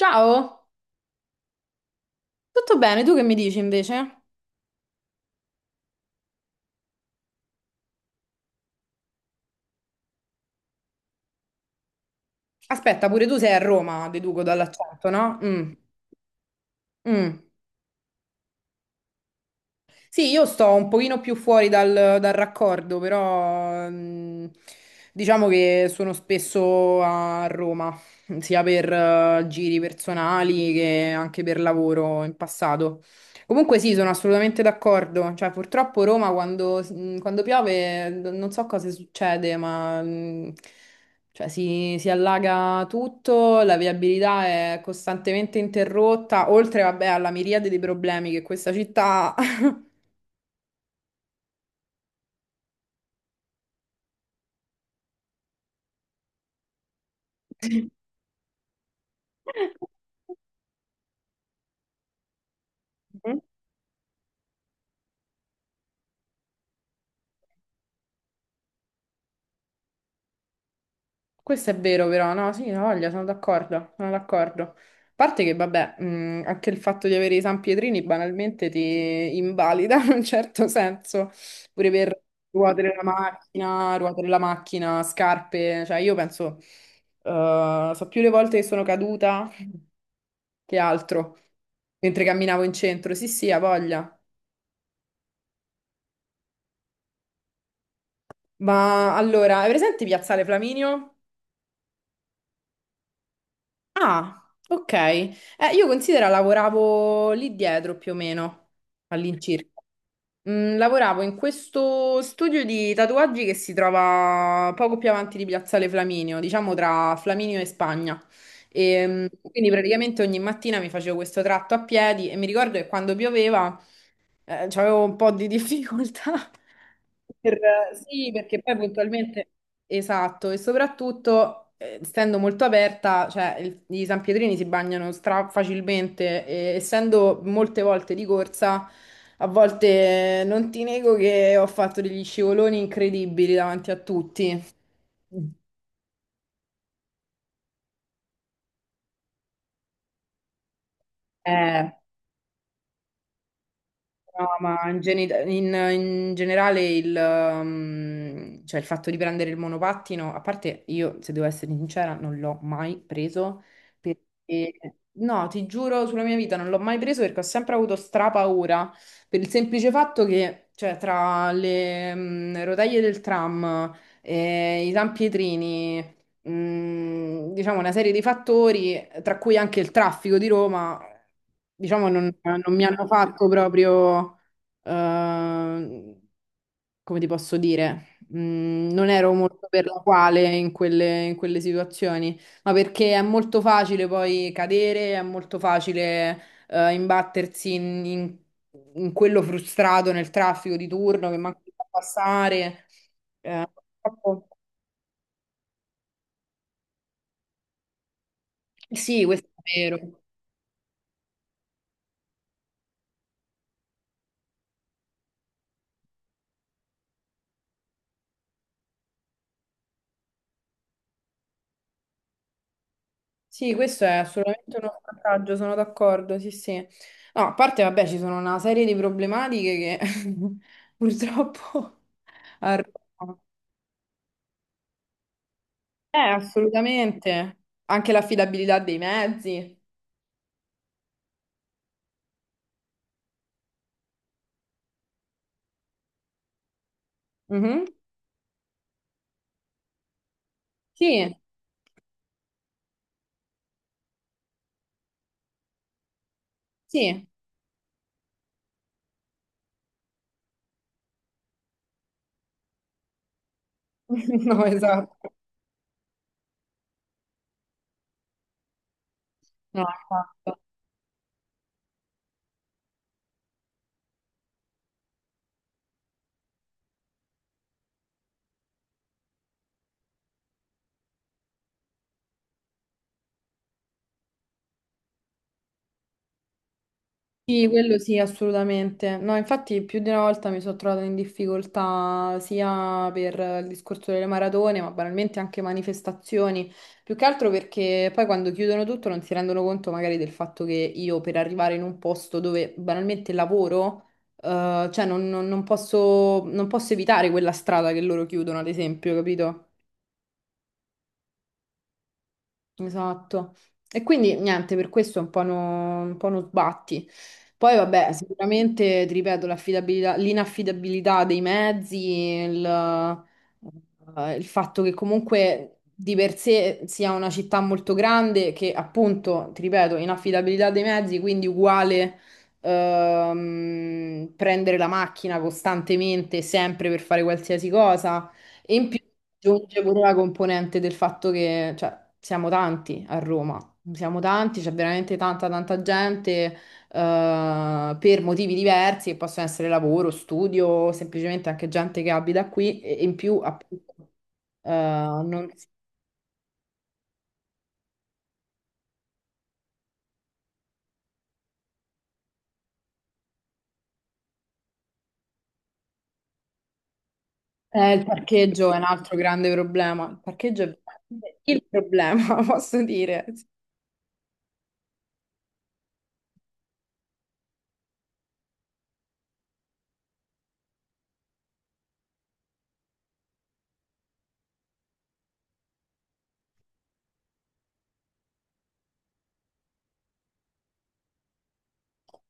Ciao, tutto bene? Tu che mi dici invece? Aspetta, pure tu sei a Roma, deduco dall'accento, no? Mm, mm. Sì, io sto un pochino più fuori dal raccordo, però diciamo che sono spesso a Roma, sia per giri personali che anche per lavoro in passato. Comunque sì, sono assolutamente d'accordo. Cioè, purtroppo Roma quando piove non so cosa succede, ma cioè, si allaga tutto, la viabilità è costantemente interrotta, oltre, vabbè, alla miriade di problemi che questa città ha. Mm. Questo è vero, però, no, sì, no, voglia, sono d'accordo, sono d'accordo. A parte che, vabbè, anche il fatto di avere i San Pietrini banalmente ti invalida in un certo senso, pure per ruote della macchina, scarpe, cioè io penso, so più le volte che sono caduta che altro, mentre camminavo in centro, sì, sì, ha voglia. Ma allora, hai presente Piazzale Flaminio? Ah, ok. Io considero lavoravo lì dietro più o meno, all'incirca. Lavoravo in questo studio di tatuaggi che si trova poco più avanti di Piazzale Flaminio, diciamo tra Flaminio e Spagna. E, quindi praticamente ogni mattina mi facevo questo tratto a piedi e mi ricordo che quando pioveva c'avevo un po' di difficoltà. Per- sì, perché poi puntualmente... Esatto, e soprattutto, essendo molto aperta, cioè, i San Pietrini si bagnano stra facilmente e essendo molte volte di corsa, a volte non ti nego che ho fatto degli scivoloni incredibili davanti a tutti. Eh, No, ma in generale il, cioè il fatto di prendere il monopattino, a parte io, se devo essere sincera, non l'ho mai preso perché, no, ti giuro sulla mia vita, non l'ho mai preso perché ho sempre avuto strapaura per il semplice fatto che, cioè, tra le rotaie del tram, i sanpietrini, diciamo, una serie di fattori, tra cui anche il traffico di Roma, diciamo, non mi hanno fatto proprio, eh, come ti posso dire, non ero molto per la quale in quelle situazioni, ma perché è molto facile poi cadere, è molto facile, imbattersi in, in quello frustrato nel traffico di turno che manca di passare. Eh, purtroppo- sì, questo è vero. Sì, questo è assolutamente uno svantaggio, sono d'accordo, sì, sì. No, a parte, vabbè, ci sono una serie di problematiche che purtroppo arrivano. Assolutamente. Anche l'affidabilità dei mezzi. Mhm. Sì, sì. No, esatto. No, esatto. Sì, quello sì, assolutamente. No, infatti più di una volta mi sono trovata in difficoltà sia per il discorso delle maratone, ma banalmente anche manifestazioni, più che altro perché poi quando chiudono tutto non si rendono conto magari del fatto che io per arrivare in un posto dove banalmente lavoro, cioè non posso non posso evitare quella strada che loro chiudono, ad esempio, capito? Esatto. E quindi niente, per questo è un po' un po' uno sbatti. Poi vabbè, sicuramente, ti ripeto, l'affidabilità, l'inaffidabilità dei mezzi, il, il fatto che comunque di per sé sia una città molto grande, che appunto, ti ripeto, inaffidabilità dei mezzi, quindi uguale prendere la macchina costantemente, sempre per fare qualsiasi cosa. E in più aggiunge pure la componente del fatto che, cioè, siamo tanti a Roma, siamo tanti, c'è veramente tanta tanta gente per motivi diversi che possono essere lavoro, studio, semplicemente anche gente che abita qui e in più appunto eh, non- il parcheggio è un altro grande problema. Il parcheggio è veramente il problema, posso dire.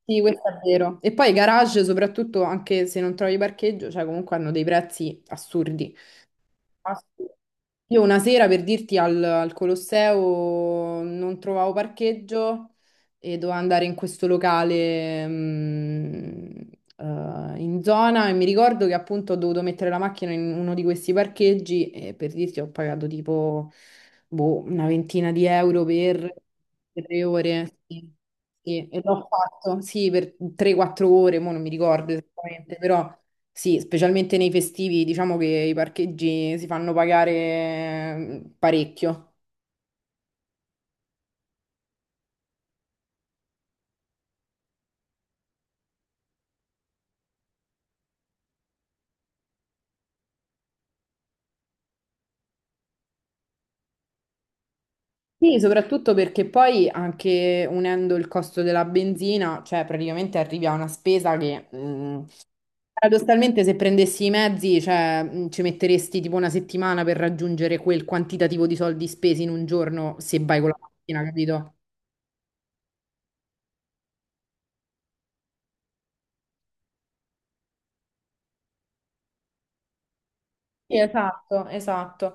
Sì, questo è vero. E poi i garage, soprattutto anche se non trovi parcheggio, cioè comunque hanno dei prezzi assurdi. Ah, sì. Io una sera per dirti al Colosseo non trovavo parcheggio e dovevo andare in questo locale in zona e mi ricordo che appunto ho dovuto mettere la macchina in uno di questi parcheggi e per dirti ho pagato tipo boh, una ventina di euro per 3 ore. Sì, sì, e l'ho fatto, sì, per 3-4 ore, mo non mi ricordo esattamente, però sì, specialmente nei festivi, diciamo che i parcheggi si fanno pagare parecchio. Sì, soprattutto perché poi anche unendo il costo della benzina, cioè praticamente arrivi a una spesa che paradossalmente se prendessi i mezzi, cioè, ci metteresti tipo una settimana per raggiungere quel quantitativo di soldi spesi in un giorno se vai con la macchina, capito? Sì, esatto, esatto.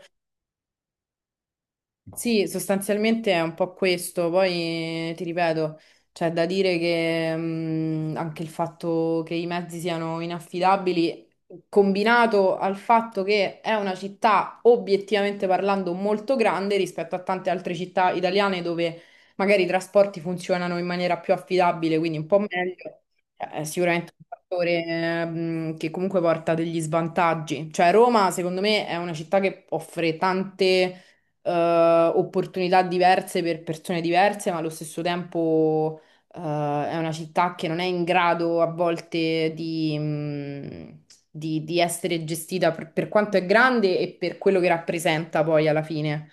Sì, sostanzialmente è un po' questo, poi ti ripeto, c'è da dire che anche il fatto che i mezzi siano inaffidabili, combinato al fatto che è una città obiettivamente parlando molto grande rispetto a tante altre città italiane dove magari i trasporti funzionano in maniera più affidabile, quindi un po' meglio, è sicuramente un fattore che comunque porta degli svantaggi. Cioè Roma, secondo me, è una città che offre tante opportunità diverse per persone diverse, ma allo stesso tempo, è una città che non è in grado a volte di, di essere gestita per quanto è grande e per quello che rappresenta poi alla fine.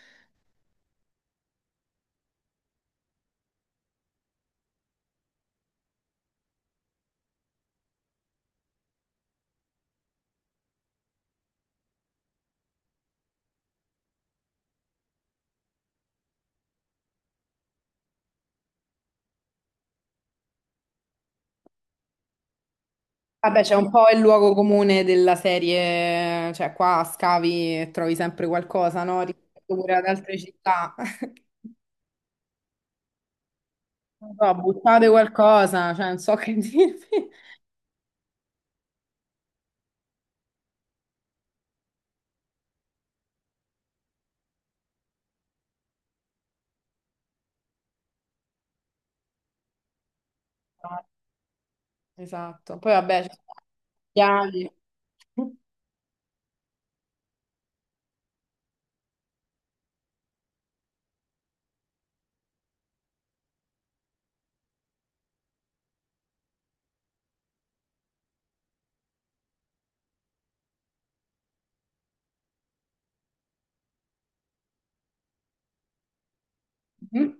Vabbè, c'è un po' il luogo comune della serie, cioè qua scavi e trovi sempre qualcosa, no? Rispetto pure ad altre città. Non so, buttate qualcosa, cioè non so che dirvi. No, esatto. Poi vabbè, ci sono gli schiavi. Mm.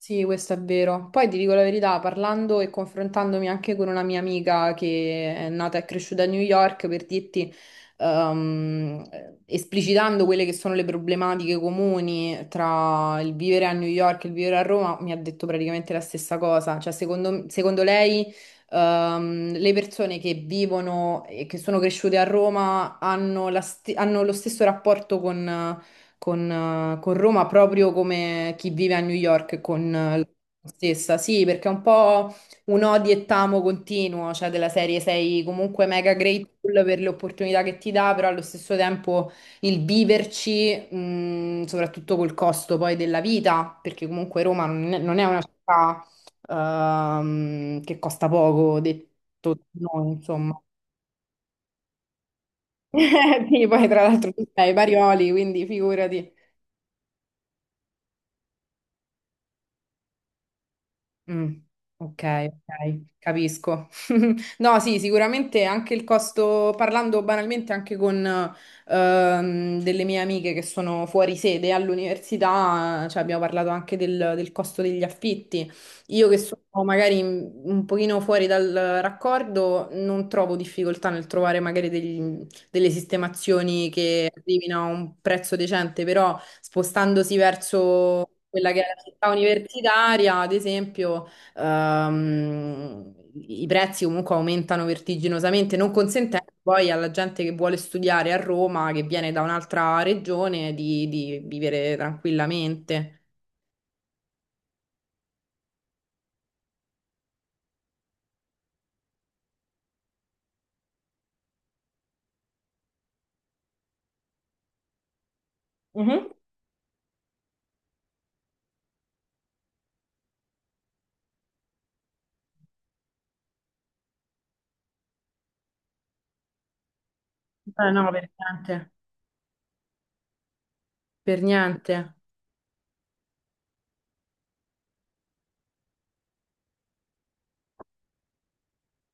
Sì, questo è vero. Poi ti dico la verità, parlando e confrontandomi anche con una mia amica che è nata e cresciuta a New York, per dirti, ehm, esplicitando quelle che sono le problematiche comuni tra il vivere a New York e il vivere a Roma, mi ha detto praticamente la stessa cosa. Cioè, secondo lei, le persone che vivono e che sono cresciute a Roma hanno la hanno lo stesso rapporto con con Roma proprio come chi vive a New York con la stessa. Sì, perché è un po' un odi e tamo continuo, cioè della serie sei comunque mega grateful per le opportunità che ti dà, però allo stesso tempo il viverci, soprattutto col costo poi della vita, perché comunque Roma non è una città che costa poco, detto da noi, insomma. Sì, poi tra l'altro tu sei Barioli, quindi figurati. Mm, ok, ok, capisco. No, sì, sicuramente anche il costo, parlando banalmente anche con delle mie amiche che sono fuori sede all'università, cioè abbiamo parlato anche del costo degli affitti. Io che sono magari un pochino fuori dal raccordo, non trovo difficoltà nel trovare magari delle sistemazioni che arrivino a un prezzo decente, però spostandosi verso quella che è la città universitaria, ad esempio... I prezzi comunque aumentano vertiginosamente, non consentendo poi alla gente che vuole studiare a Roma, che viene da un'altra regione, di vivere tranquillamente. Mhm. No, per niente. Per niente.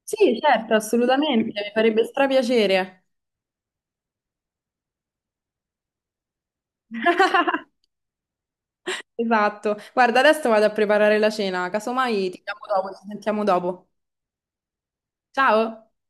Sì, certo, assolutamente, mi farebbe strapiacere. Esatto. Guarda, adesso vado a preparare la cena, casomai ti chiamo dopo, ci sentiamo dopo. Ciao!